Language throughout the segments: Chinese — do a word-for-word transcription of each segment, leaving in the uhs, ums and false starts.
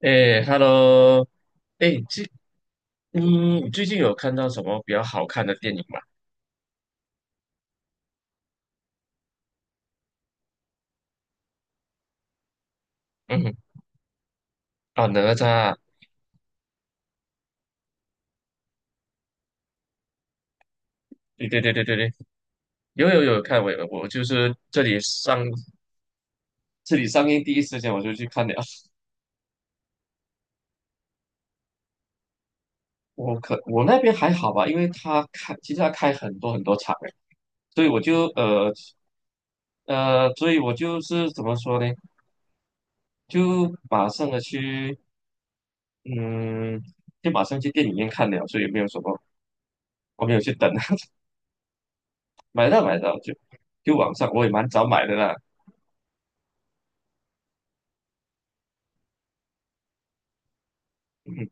哎，Hello，哎，最嗯，最近有看到什么比较好看的电影吗？嗯，啊，哪吒啊，对对对对对对，有有有看，我有我就是这里上这里上映第一时间我就去看了。我可我那边还好吧，因为他开其实他开很多很多场诶，所以我就呃呃，所以我就是怎么说呢，就马上的去嗯，就马上去电影院看了，所以没有什么，我没有去等。买到买到，就就网上我也蛮早买的啦。嗯哼，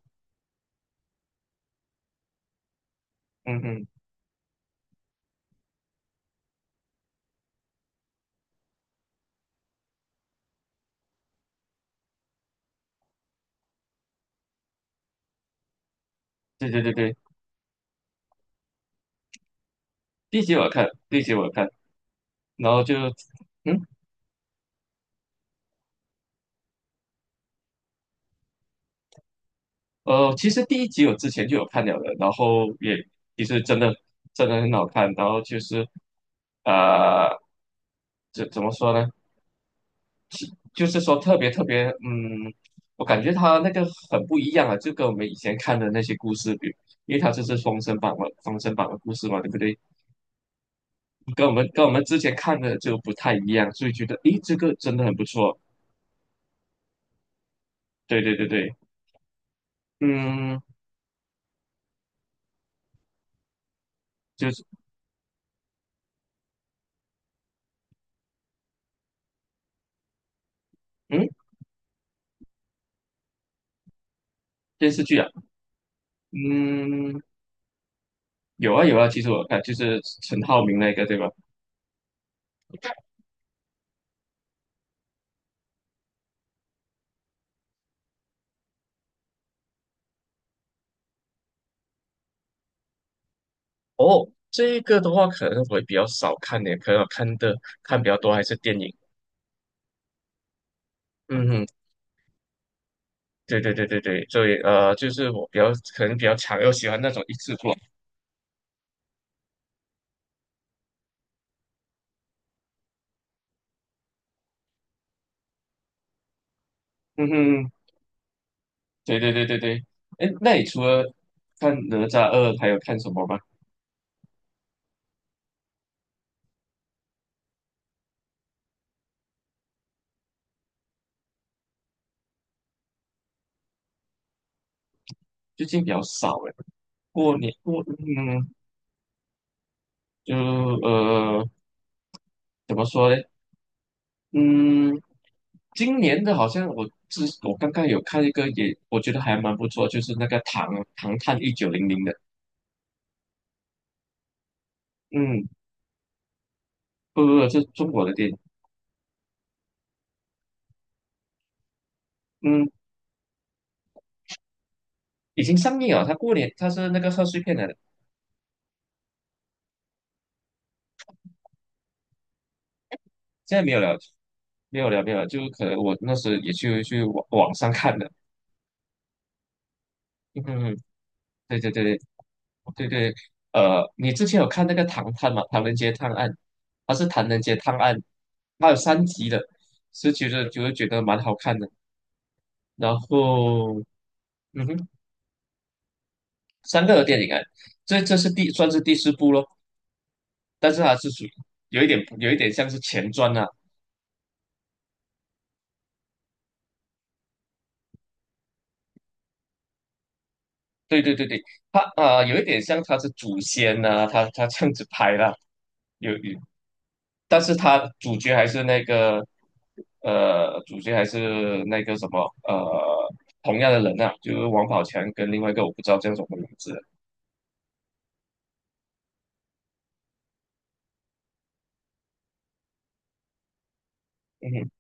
嗯哼，对对对对，第一集我有看，第一集我有看，然后就嗯呃，其实第一集我之前就有看了的，然后也其实真的真的很好看，然后就是呃怎怎么说呢？就是说特别特别，嗯，我感觉它那个很不一样啊，就跟我们以前看的那些故事比，因为它这是封神榜嘛，封神榜的故事嘛，对不对？跟我们跟我们之前看的就不太一样，所以觉得诶，这个真的很不错。对对对对，嗯，就是嗯电视剧啊，嗯，有啊有啊，其实我看就是陈浩民那个对吧？哦，这个的话可能会比较少看点，可能我看的看比较多还是电影。嗯哼，对对对对对，所以呃，就是我比较可能比较强，又喜欢那种一次过。嗯哼，对对对对对。哎，那你除了看哪吒二，还有看什么吗？最近比较少哎。过年过嗯，就呃怎么说呢？嗯，今年的好像我之我刚刚有看一个也，我觉得还蛮不错，就是那个唐《唐探一九零零》的。嗯，不不不，这是中国的电影。嗯，已经上映了。它过年它是那个贺岁片来的，现在没有了，没有了，没有了。就可能我那时也去去网网上看的。嗯，对对对对。哦，对对，呃，你之前有看那个《唐探》吗？《唐人街探案》，它是《唐人街探案》，它有三集的，是觉得就是觉得蛮好看的。然后，嗯哼，三个电影啊，这这是第算是第四部咯，但是它是属于有一点有一点像是前传啊。对对对对，它啊、呃有一点像它是祖先啊，它它这样子拍啦，有但是他主角还是那个，呃，主角还是那个什么，呃，同样的人啊，就是王宝强跟另外一个我不知道叫什么名字，嗯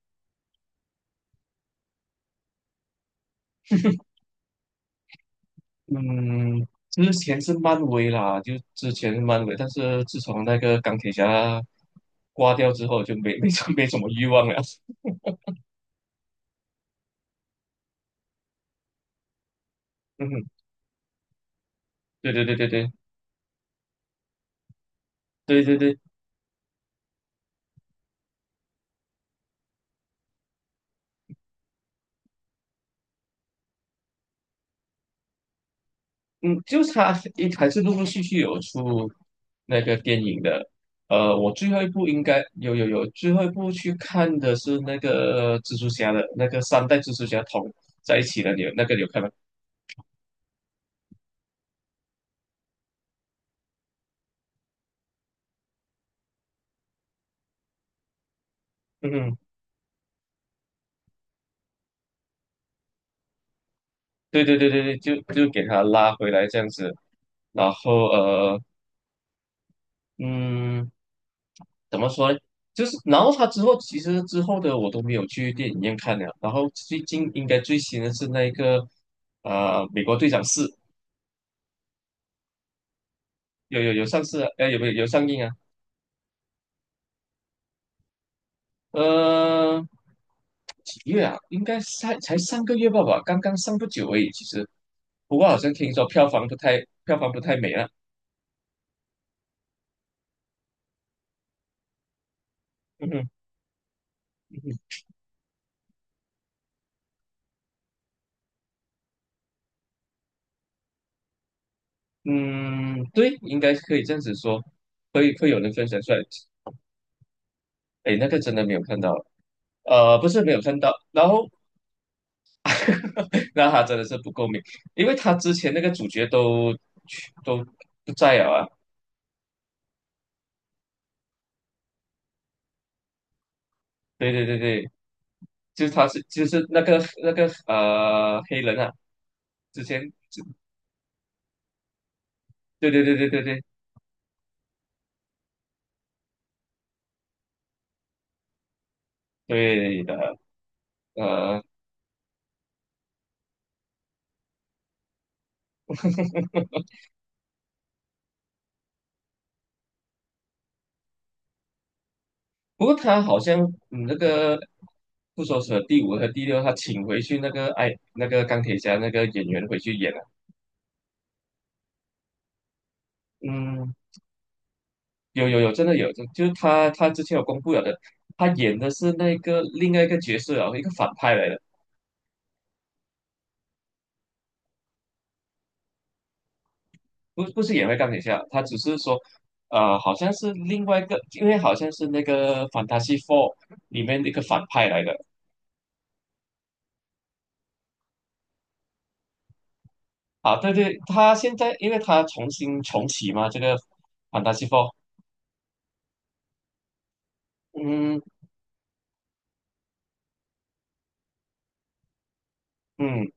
嗯，之前是漫威啦，就之前是漫威，但是自从那个钢铁侠挂掉之后，就没没什么没什么欲望了。嗯，对对对对对对对对，嗯，就是他一还是陆陆续续有出那个电影的。呃，我最后一部应该有有有，最后一部去看的是那个蜘蛛侠的那个三代蜘蛛侠同在一起的，你有那个你有看吗？嗯哼，对对对对对，就就给他拉回来这样子，然后呃，嗯，怎么说呢？就是然后他之后其实之后的我都没有去电影院看了，然后最近应该最新的是那一个呃美国队长四，有有有上市啊，呃，有没有有上映啊？呃，几月啊？应该才才上个月吧吧，刚刚上不久而已。其实，不过好像听说票房不太票房不太美啊。嗯哼，嗯，对，应该可以这样子说，会会有人分享出来。哎，那个真的没有看到，呃，不是没有看到，然后 那他真的是不够美，因为他之前那个主角都去都不在了啊。对对对对，就是他是就是那个那个呃黑人啊。之前，对对对对对对对的，呃，不过他好像嗯那个复仇者第五和第六，他请回去那个哎那个钢铁侠那个演员回去演了，嗯，有有有，真的有，就就是他他之前有公布了的，他演的是那个另外一个角色啊，一个反派来的，不不是演回钢铁侠，他只是说。呃，好像是另外一个，因为好像是那个《Fantasy Four》里面的一个反派来的，啊，对对，他现在因为他重新重启嘛，这个《f a n t 嗯嗯，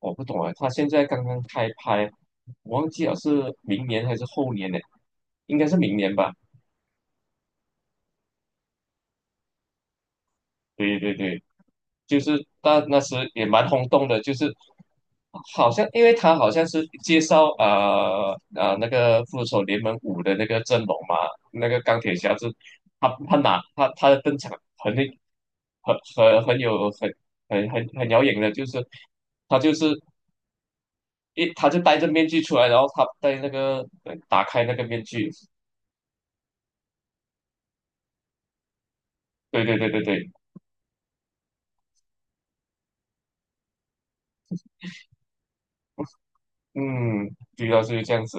我不懂啊，他现在刚刚开拍，我忘记了是明年还是后年呢？应该是明年吧？对对对，就是那那时也蛮轰动的，就是好像因为他好像是介绍啊啊、呃呃那个复仇者联盟五的那个阵容嘛，那个钢铁侠是他他哪他他的登场很那很很很有很很很很耀眼的，就是他就是一他就戴着面具出来，然后他戴那个呃打开那个面具，对对对对对，嗯，主要是这样子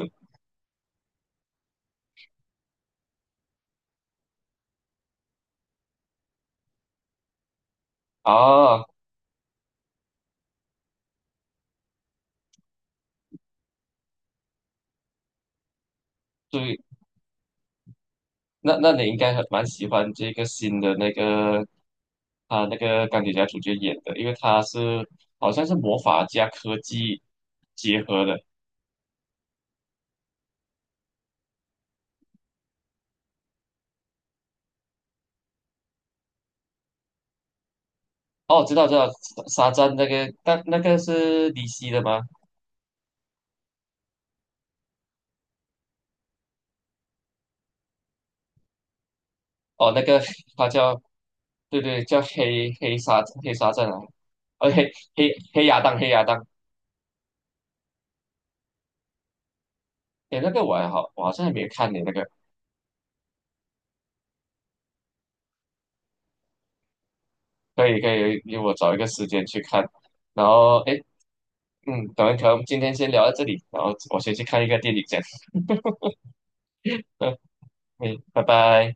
啊，对。那那你应该很蛮喜欢这个新的那个他那个钢铁侠主角演的，因为他是好像是魔法加科技结合的。哦，知道知道，沙沙赞那个，但那个是 D C 的吗？哦，那个他叫，对对，叫黑黑沙黑沙赞啊，哦黑黑黑亚当黑亚当，哎，那个我还好，我好像还没有看你那个。可以可以，因为我找一个时间去看。然后，哎，嗯，等一下，可能今天先聊到这里，然后我先去看一个电影，先。嗯，拜拜。